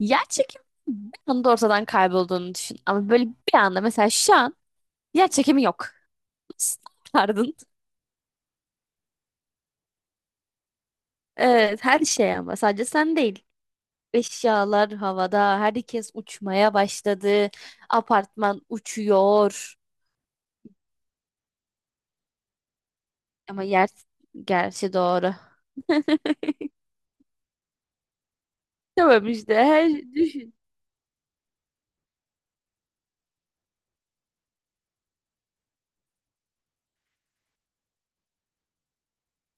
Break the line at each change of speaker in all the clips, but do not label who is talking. Yer çekimi bir anda ortadan kaybolduğunu düşün. Ama böyle bir anda mesela şu an yer çekimi yok. Nasıl yapardın? Evet, her şey ama sadece sen değil. Eşyalar havada, herkes uçmaya başladı. Apartman uçuyor. Ama yer, gerçi doğru. Tamam işte her düşün.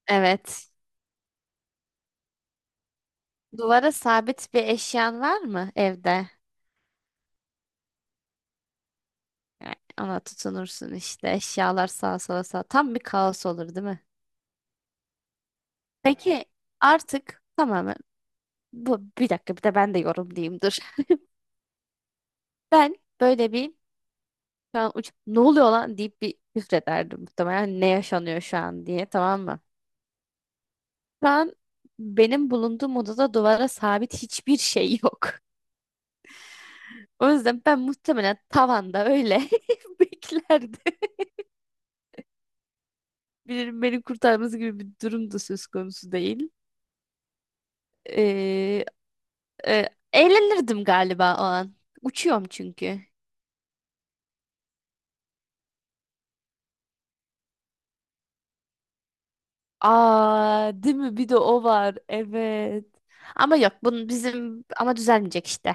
Evet. Duvara sabit bir eşyan var mı evde? Yani ona tutunursun işte. Eşyalar sağa sola sağa. Tam bir kaos olur değil mi? Peki artık tamamen bu, bir dakika, bir de ben de yorumlayayım dur. Ben böyle bir şu an uç, ne oluyor lan deyip bir küfrederdim muhtemelen, ne yaşanıyor şu an diye, tamam mı? Şu an benim bulunduğum odada duvara sabit hiçbir şey yok. O yüzden ben muhtemelen tavanda öyle beklerdim. Birinin beni kurtarması gibi bir durum da söz konusu değil. Ee, Eğlenirdim galiba o an. Uçuyorum çünkü. Aa, değil mi? Bir de o var. Evet. Ama yok, bunun bizim ama düzelmeyecek işte.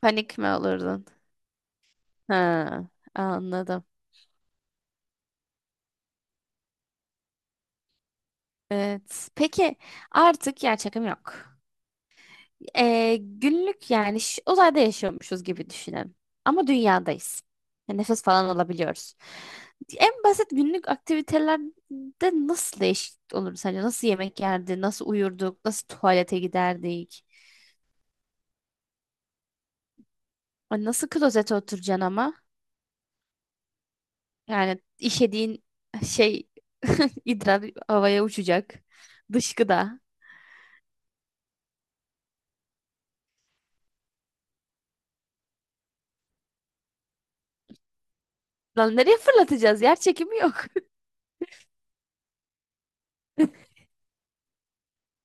Panik mi olurdun? Ha, anladım. Evet. Peki artık yer çekim yok. Günlük, yani uzayda yaşıyormuşuz gibi düşünelim. Ama dünyadayız. Yani nefes falan alabiliyoruz. En basit günlük aktivitelerde nasıl değişiklik olur sence? Nasıl yemek yerdi? Nasıl uyurduk? Nasıl tuvalete giderdik? Ay, nasıl klozete oturacaksın ama? Yani işediğin şey, idrar havaya uçacak. Dışkıda. Lan nereye fırlatacağız? Yer çekimi yok.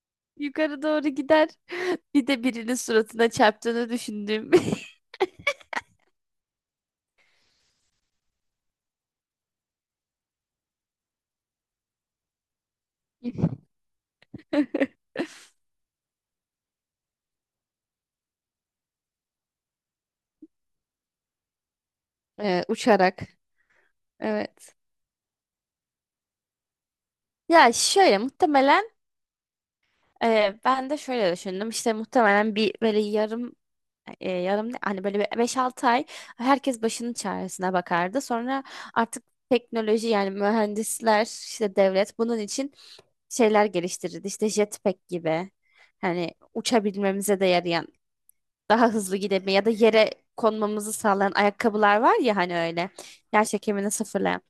Yukarı doğru gider. Bir de birinin suratına çarptığını düşündüğüm. Uçarak. Evet. Ya şöyle muhtemelen ben de şöyle düşündüm. İşte muhtemelen bir böyle yarım, yarım hani böyle bir 5-6 ay herkes başının çaresine bakardı. Sonra artık teknoloji, yani mühendisler işte, devlet bunun için şeyler geliştirirdi. İşte jetpack gibi, hani uçabilmemize de yarayan, daha hızlı gidebilme ya da yere konmamızı sağlayan ayakkabılar var ya, hani öyle yer çekimini sıfırlayan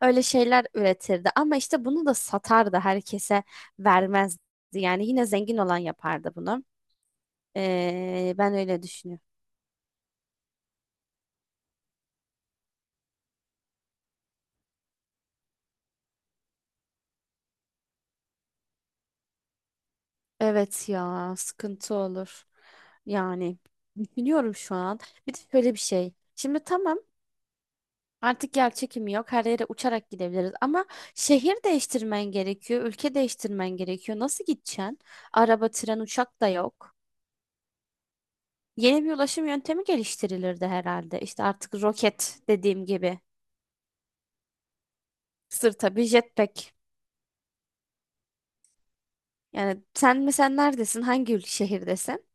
öyle şeyler üretirdi, ama işte bunu da satardı herkese vermezdi, yani yine zengin olan yapardı bunu. Ben öyle düşünüyorum. Evet ya, sıkıntı olur. Yani düşünüyorum şu an. Bir de şöyle bir şey. Şimdi tamam, artık yer çekimi yok. Her yere uçarak gidebiliriz. Ama şehir değiştirmen gerekiyor. Ülke değiştirmen gerekiyor. Nasıl gideceksin? Araba, tren, uçak da yok. Yeni bir ulaşım yöntemi geliştirilirdi herhalde. İşte artık roket dediğim gibi. Sırta bir jetpack. Yani sen mesela neredesin? Hangi şehirdesin?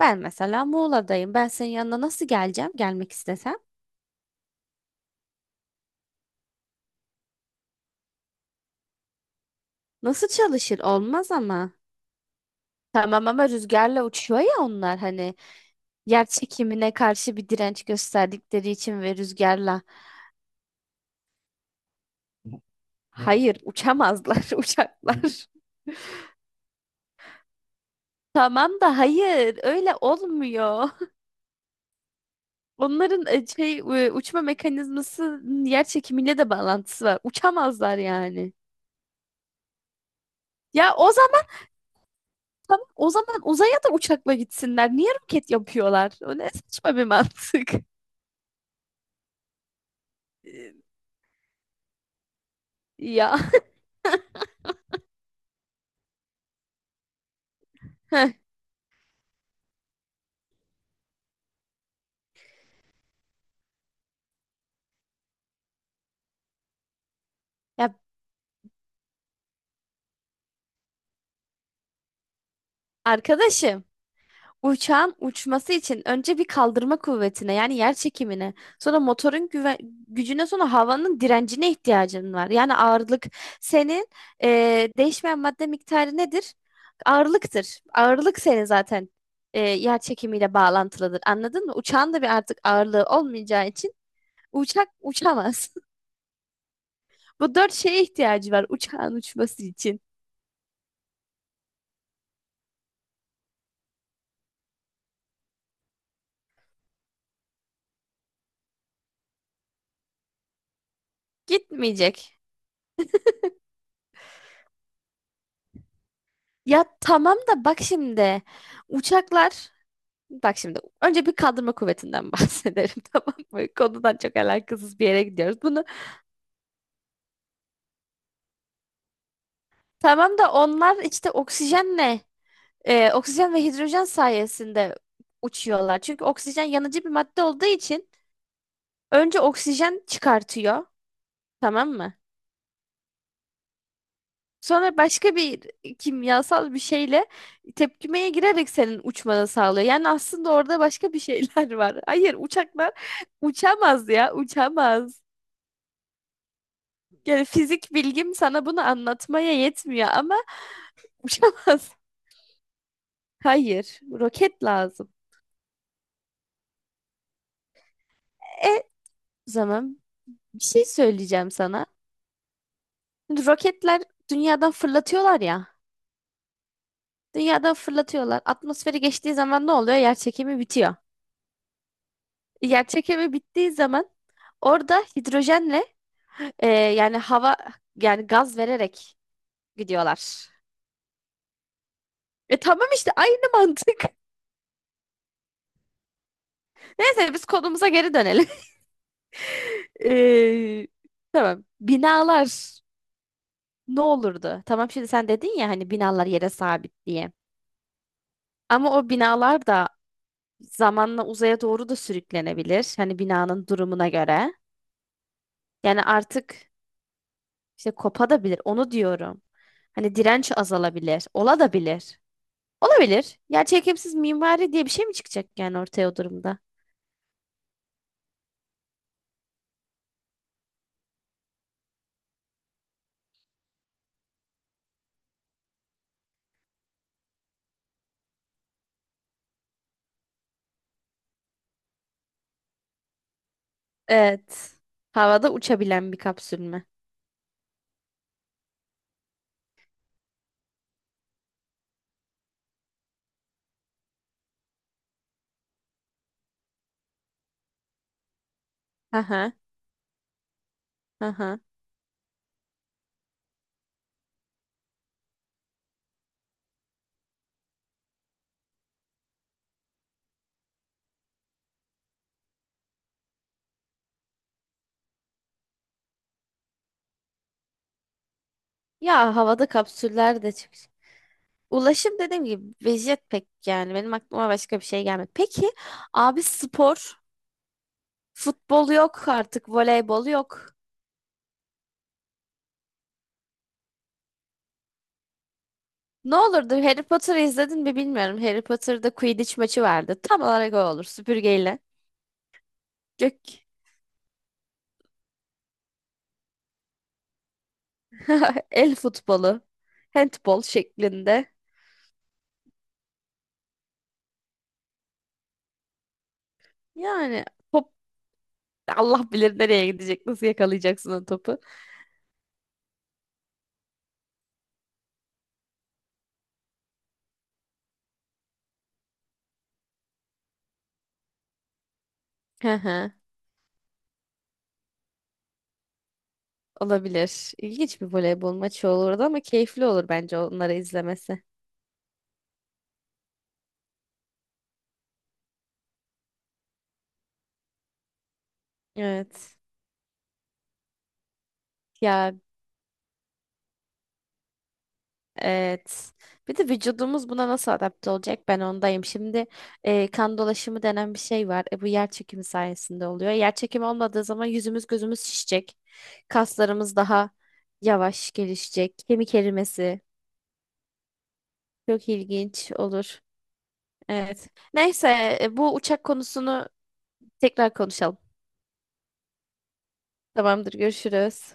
Ben mesela Muğla'dayım. Ben senin yanına nasıl geleceğim? Gelmek istesem. Nasıl çalışır? Olmaz ama. Tamam ama rüzgarla uçuyor ya onlar, hani yer çekimine karşı bir direnç gösterdikleri için ve rüzgarla. Hı. Hayır, uçamazlar uçaklar. Tamam da hayır, öyle olmuyor. Onların şey, uçma mekanizması yer çekimiyle de bağlantısı var. Uçamazlar yani. Ya o zaman tamam, o zaman uzaya da uçakla gitsinler. Niye roket yapıyorlar? O ne saçma bir mantık. Ya. Ya arkadaşım, uçağın uçması için önce bir kaldırma kuvvetine, yani yer çekimine, sonra motorun gücüne, sonra havanın direncine ihtiyacın var. Yani ağırlık senin değişmeyen madde miktarı nedir? Ağırlıktır. Ağırlık senin zaten yer çekimiyle bağlantılıdır. Anladın mı? Uçağın da bir artık ağırlığı olmayacağı için uçak uçamaz. Bu dört şeye ihtiyacı var uçağın uçması için. Gitmeyecek. Ya tamam da bak şimdi. Uçaklar, bak şimdi, önce bir kaldırma kuvvetinden bahsedelim tamam mı? Konudan çok alakasız bir yere gidiyoruz. Bunu tamam da onlar işte oksijenle, oksijen ve hidrojen sayesinde uçuyorlar. Çünkü oksijen yanıcı bir madde olduğu için önce oksijen çıkartıyor, tamam mı? Sonra başka bir kimyasal bir şeyle tepkimeye girerek senin uçmanı sağlıyor. Yani aslında orada başka bir şeyler var. Hayır, uçaklar uçamaz ya, uçamaz. Yani fizik bilgim sana bunu anlatmaya yetmiyor ama uçamaz. Hayır, roket lazım. E, O zaman bir şey söyleyeceğim sana. Şimdi roketler dünyadan fırlatıyorlar ya. Dünyadan fırlatıyorlar. Atmosferi geçtiği zaman ne oluyor? Yer çekimi bitiyor. Yer çekimi bittiği zaman orada hidrojenle, yani hava, yani gaz vererek gidiyorlar. E tamam işte, aynı mantık. Neyse biz konumuza geri dönelim. E, tamam. Binalar. Ne olurdu? Tamam şimdi sen dedin ya hani binalar yere sabit diye. Ama o binalar da zamanla uzaya doğru da sürüklenebilir. Hani binanın durumuna göre. Yani artık işte kopadabilir. Onu diyorum. Hani direnç azalabilir. Ola da bilir. Olabilir. Yer çekimsiz mimari diye bir şey mi çıkacak yani ortaya o durumda? Evet. Havada uçabilen bir kapsül mü? Hı hı. Hı hı. Ya havada kapsüller de çık. Ulaşım dediğim gibi vejet pek, yani benim aklıma başka bir şey gelmedi. Peki abi spor, futbol yok artık, voleybol yok. Ne olurdu? Harry Potter'ı izledin mi bilmiyorum. Harry Potter'da Quidditch maçı vardı. Tam olarak o olur. Süpürgeyle. Gök. El futbolu. Handball şeklinde. Yani top Allah bilir nereye gidecek. Nasıl yakalayacaksın o topu? Hı hı. Olabilir. İlginç bir voleybol maçı olurdu ama keyifli olur bence onları izlemesi. Evet. Ya, evet. Bir de vücudumuz buna nasıl adapte olacak? Ben ondayım. Şimdi kan dolaşımı denen bir şey var. Bu yer çekimi sayesinde oluyor. Yer çekimi olmadığı zaman yüzümüz gözümüz şişecek. Kaslarımız daha yavaş gelişecek. Kemik erimesi çok ilginç olur. Evet. Neyse, bu uçak konusunu tekrar konuşalım. Tamamdır. Görüşürüz.